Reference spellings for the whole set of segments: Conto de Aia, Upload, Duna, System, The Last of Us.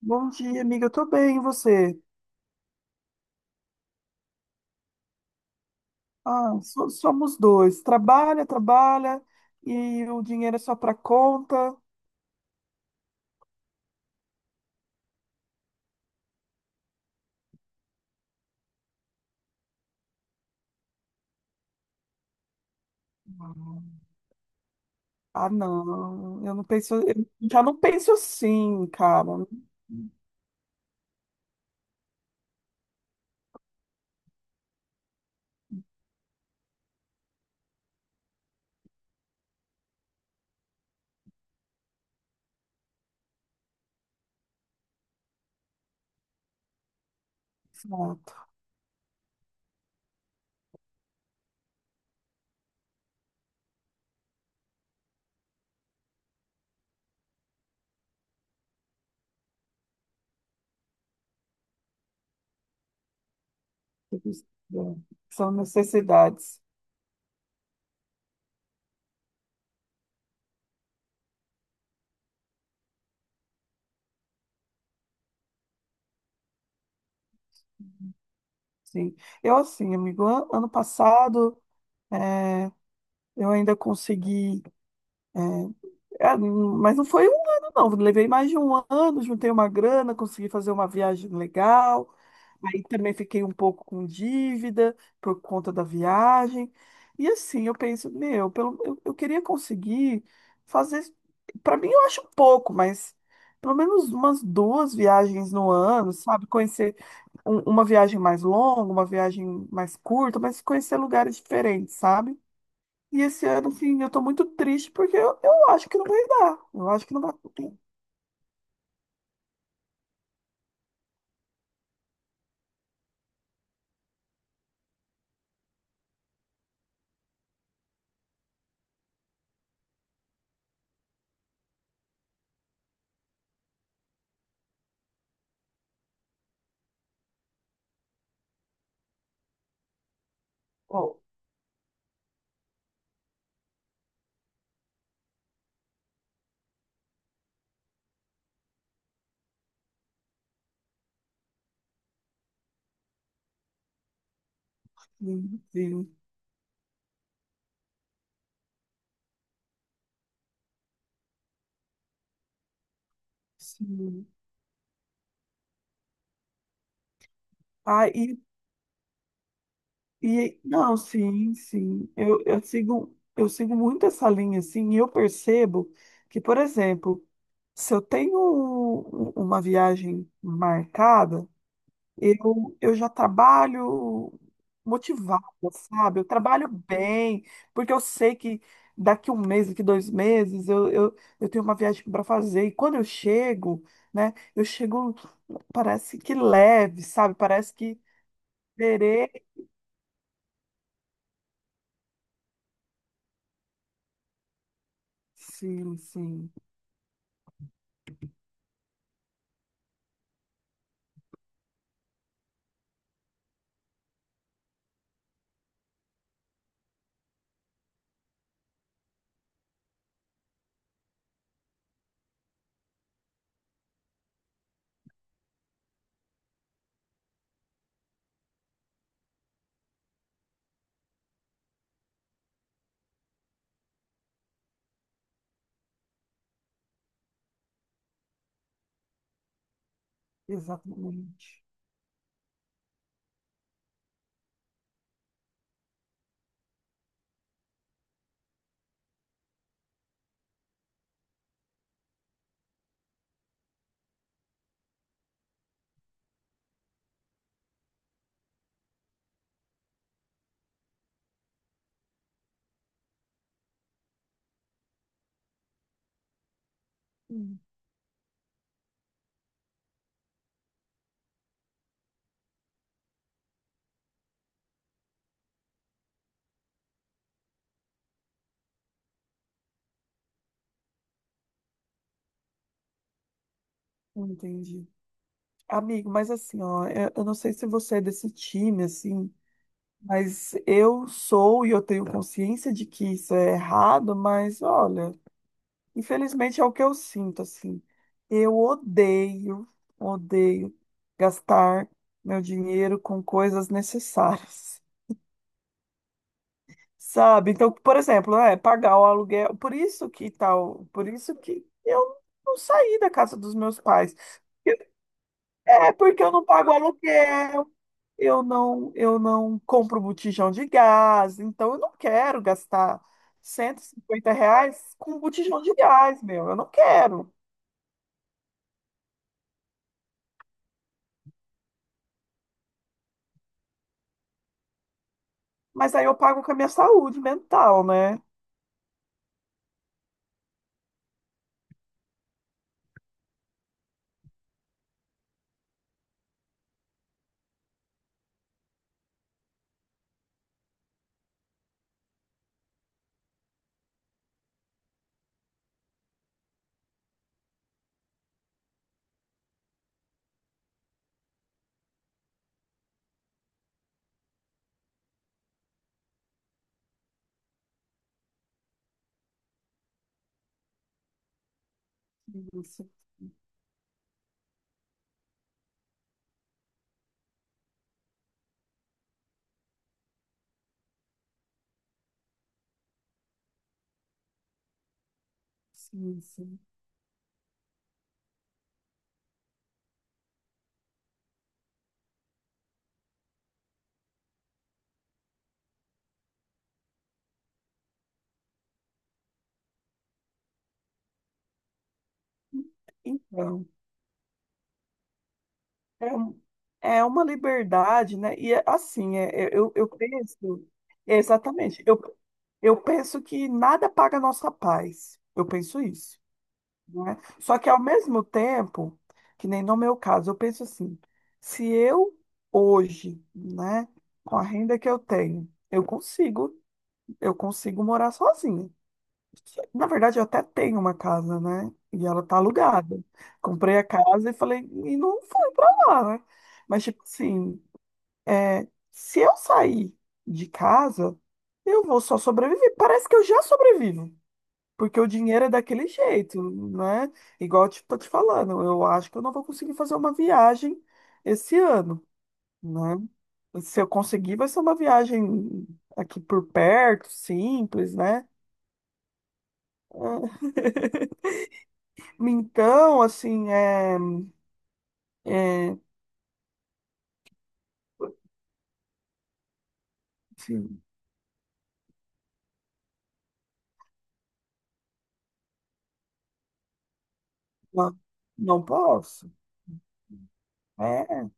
Bom dia, amiga. Eu tô bem, e você? Ah, somos dois. Trabalha, trabalha e o dinheiro é só pra conta. Ah, não. Eu já não penso assim, cara. Exato. Eles, é, São necessidades, sim. Eu, assim, amigo, ano passado, eh, eu ainda consegui, eh, mas não foi um ano, não. Levei mais de um ano, juntei uma grana, consegui fazer uma viagem legal. Aí também fiquei um pouco com dívida por conta da viagem. E assim, eu penso, eu queria conseguir fazer. Para mim, eu acho pouco, mas pelo menos umas duas viagens no ano, sabe? Conhecer uma viagem mais longa, uma viagem mais curta, mas conhecer lugares diferentes, sabe? E esse ano, assim, eu tô muito triste porque eu acho que não vai dar. Eu acho que não vai dar. Oh, sim, sim, sim. Ah, e não, sim, sim. Eu sigo muito essa linha, assim, e eu percebo que, por exemplo, se eu tenho uma viagem marcada, eu já trabalho motivada, sabe? Eu trabalho bem, porque eu sei que daqui um mês, daqui 2 meses, eu tenho uma viagem para fazer. E quando eu chego, né, eu chego, parece que leve, sabe? Parece que terei. Sim, sim. Exatamente. Hum, entendi. Amigo, mas assim, ó, eu não sei se você é desse time, assim, mas eu sou e eu tenho consciência de que isso é errado, mas olha, infelizmente é o que eu sinto, assim. Eu odeio, odeio gastar meu dinheiro com coisas necessárias. Sabe? Então, por exemplo, é pagar o aluguel, por isso que tal, por isso que eu não saí da casa dos meus pais. É porque eu não pago aluguel, eu não compro botijão de gás, então eu não quero gastar R$ 150 com botijão de gás, meu, eu não quero. Mas aí eu pago com a minha saúde mental, né? Isso, sim, sim. Então, é, um- é uma liberdade, né? E é assim, eu penso, exatamente, eu penso que nada paga a nossa paz. Eu penso isso. Né? Só que ao mesmo tempo, que nem no meu caso, eu penso assim, se eu hoje, né, com a renda que eu tenho, eu consigo morar sozinha. Na verdade, eu até tenho uma casa, né? E ela tá alugada. Comprei a casa e falei, e não fui lá, né? Mas tipo assim, é, se eu sair de casa, eu vou só sobreviver. Parece que eu já sobrevivo. Porque o dinheiro é daquele jeito, né? Igual eu tô te falando, eu acho que eu não vou conseguir fazer uma viagem esse ano, né? Se eu conseguir, vai ser uma viagem aqui por perto, simples, né? É, então, assim, é, assim, não, não posso. É,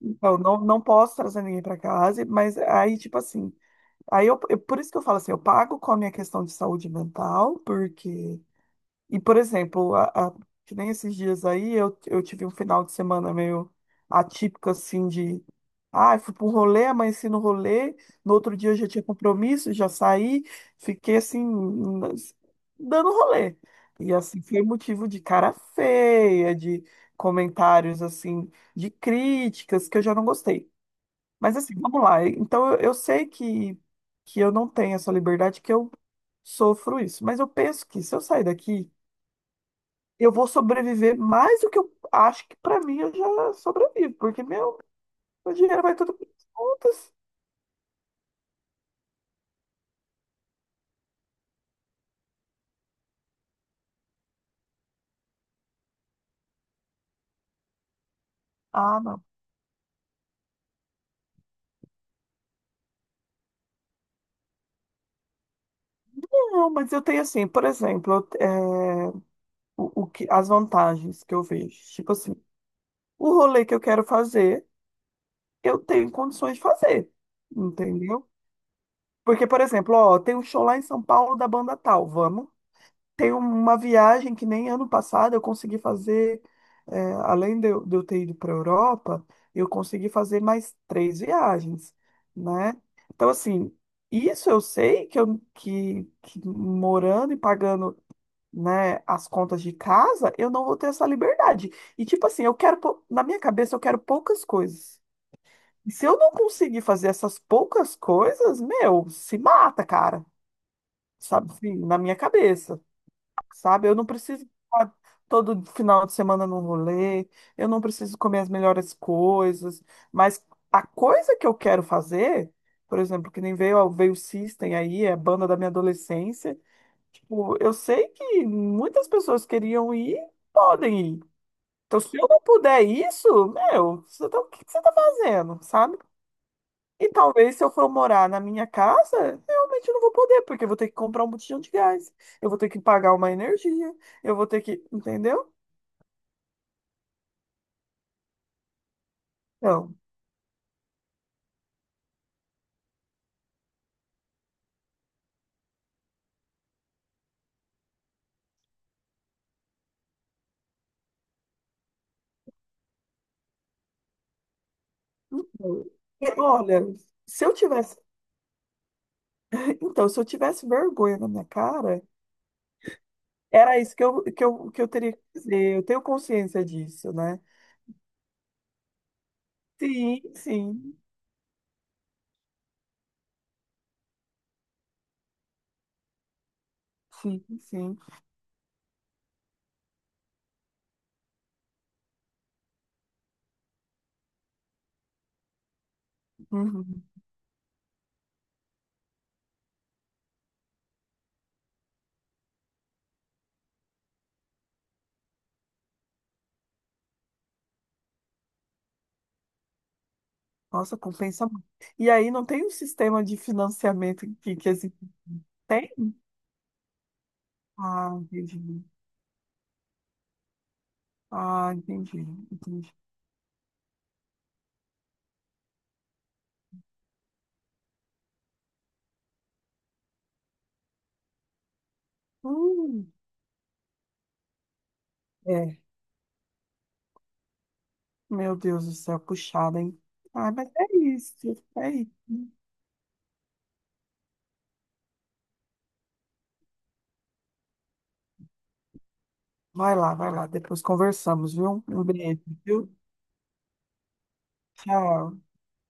então, não, não posso trazer ninguém para casa, mas aí, tipo assim, aí por isso que eu falo assim, eu pago com a minha questão de saúde mental, porque e, por exemplo, que nem esses dias aí, eu tive um final de semana meio atípico, assim, de... Ah, fui para um rolê, amanheci no rolê, no outro dia eu já tinha compromisso, já saí, fiquei, assim, nas- dando rolê. E, assim, foi motivo de cara feia, de comentários, assim, de críticas, que eu já não gostei. Mas, assim, vamos lá. Então, eu sei que eu não tenho essa liberdade, que eu sofro isso. Mas eu penso que se eu sair daqui eu vou sobreviver mais do que eu acho que pra mim eu já sobrevivo, porque meu dinheiro vai tudo para as contas. Ah, não. Não, mas eu tenho assim, por exemplo, é, o que, as vantagens que eu vejo. Tipo assim, o rolê que eu quero fazer, eu tenho condições de fazer, entendeu? Porque, por exemplo, ó, tem um show lá em São Paulo da banda tal, vamos. Tem uma viagem que nem ano passado eu consegui fazer, é, além de eu ter ido para a Europa, eu consegui fazer mais três viagens, né? Então, assim, isso eu sei que, que morando e pagando, né, as contas de casa, eu não vou ter essa liberdade. E, tipo assim, eu quero, na minha cabeça, eu quero poucas coisas. E se eu não conseguir fazer essas poucas coisas, meu, se mata, cara, sabe? Assim, na minha cabeça sabe? Eu não preciso ficar todo final de semana no rolê, eu não preciso comer as melhores coisas, mas a coisa que eu quero fazer, por exemplo, que nem veio o System aí, é a banda da minha adolescência, tipo, eu sei que muitas pessoas queriam ir, podem ir. Então, se eu não puder isso, meu, o que que você tá fazendo, sabe? E talvez se eu for morar na minha casa, realmente eu não vou poder, porque eu vou ter que comprar um botijão de gás, eu vou ter que pagar uma energia, eu vou ter que, entendeu? Então, eu- e olha, se eu tivesse, então, se eu tivesse vergonha na minha cara, era isso que eu teria que fazer. Eu tenho consciência disso, né? Sim, sim, sim, sim. Uhum. Nossa, compensa muito. E aí não tem um sistema de financiamento que existe? Tem? Ah, entendi. Ah, entendi, entendi. Hum, é, meu Deus do céu, puxada, hein? Ah, mas é isso, é isso. Vai lá, depois conversamos, viu? Um beijo, viu? Tchau.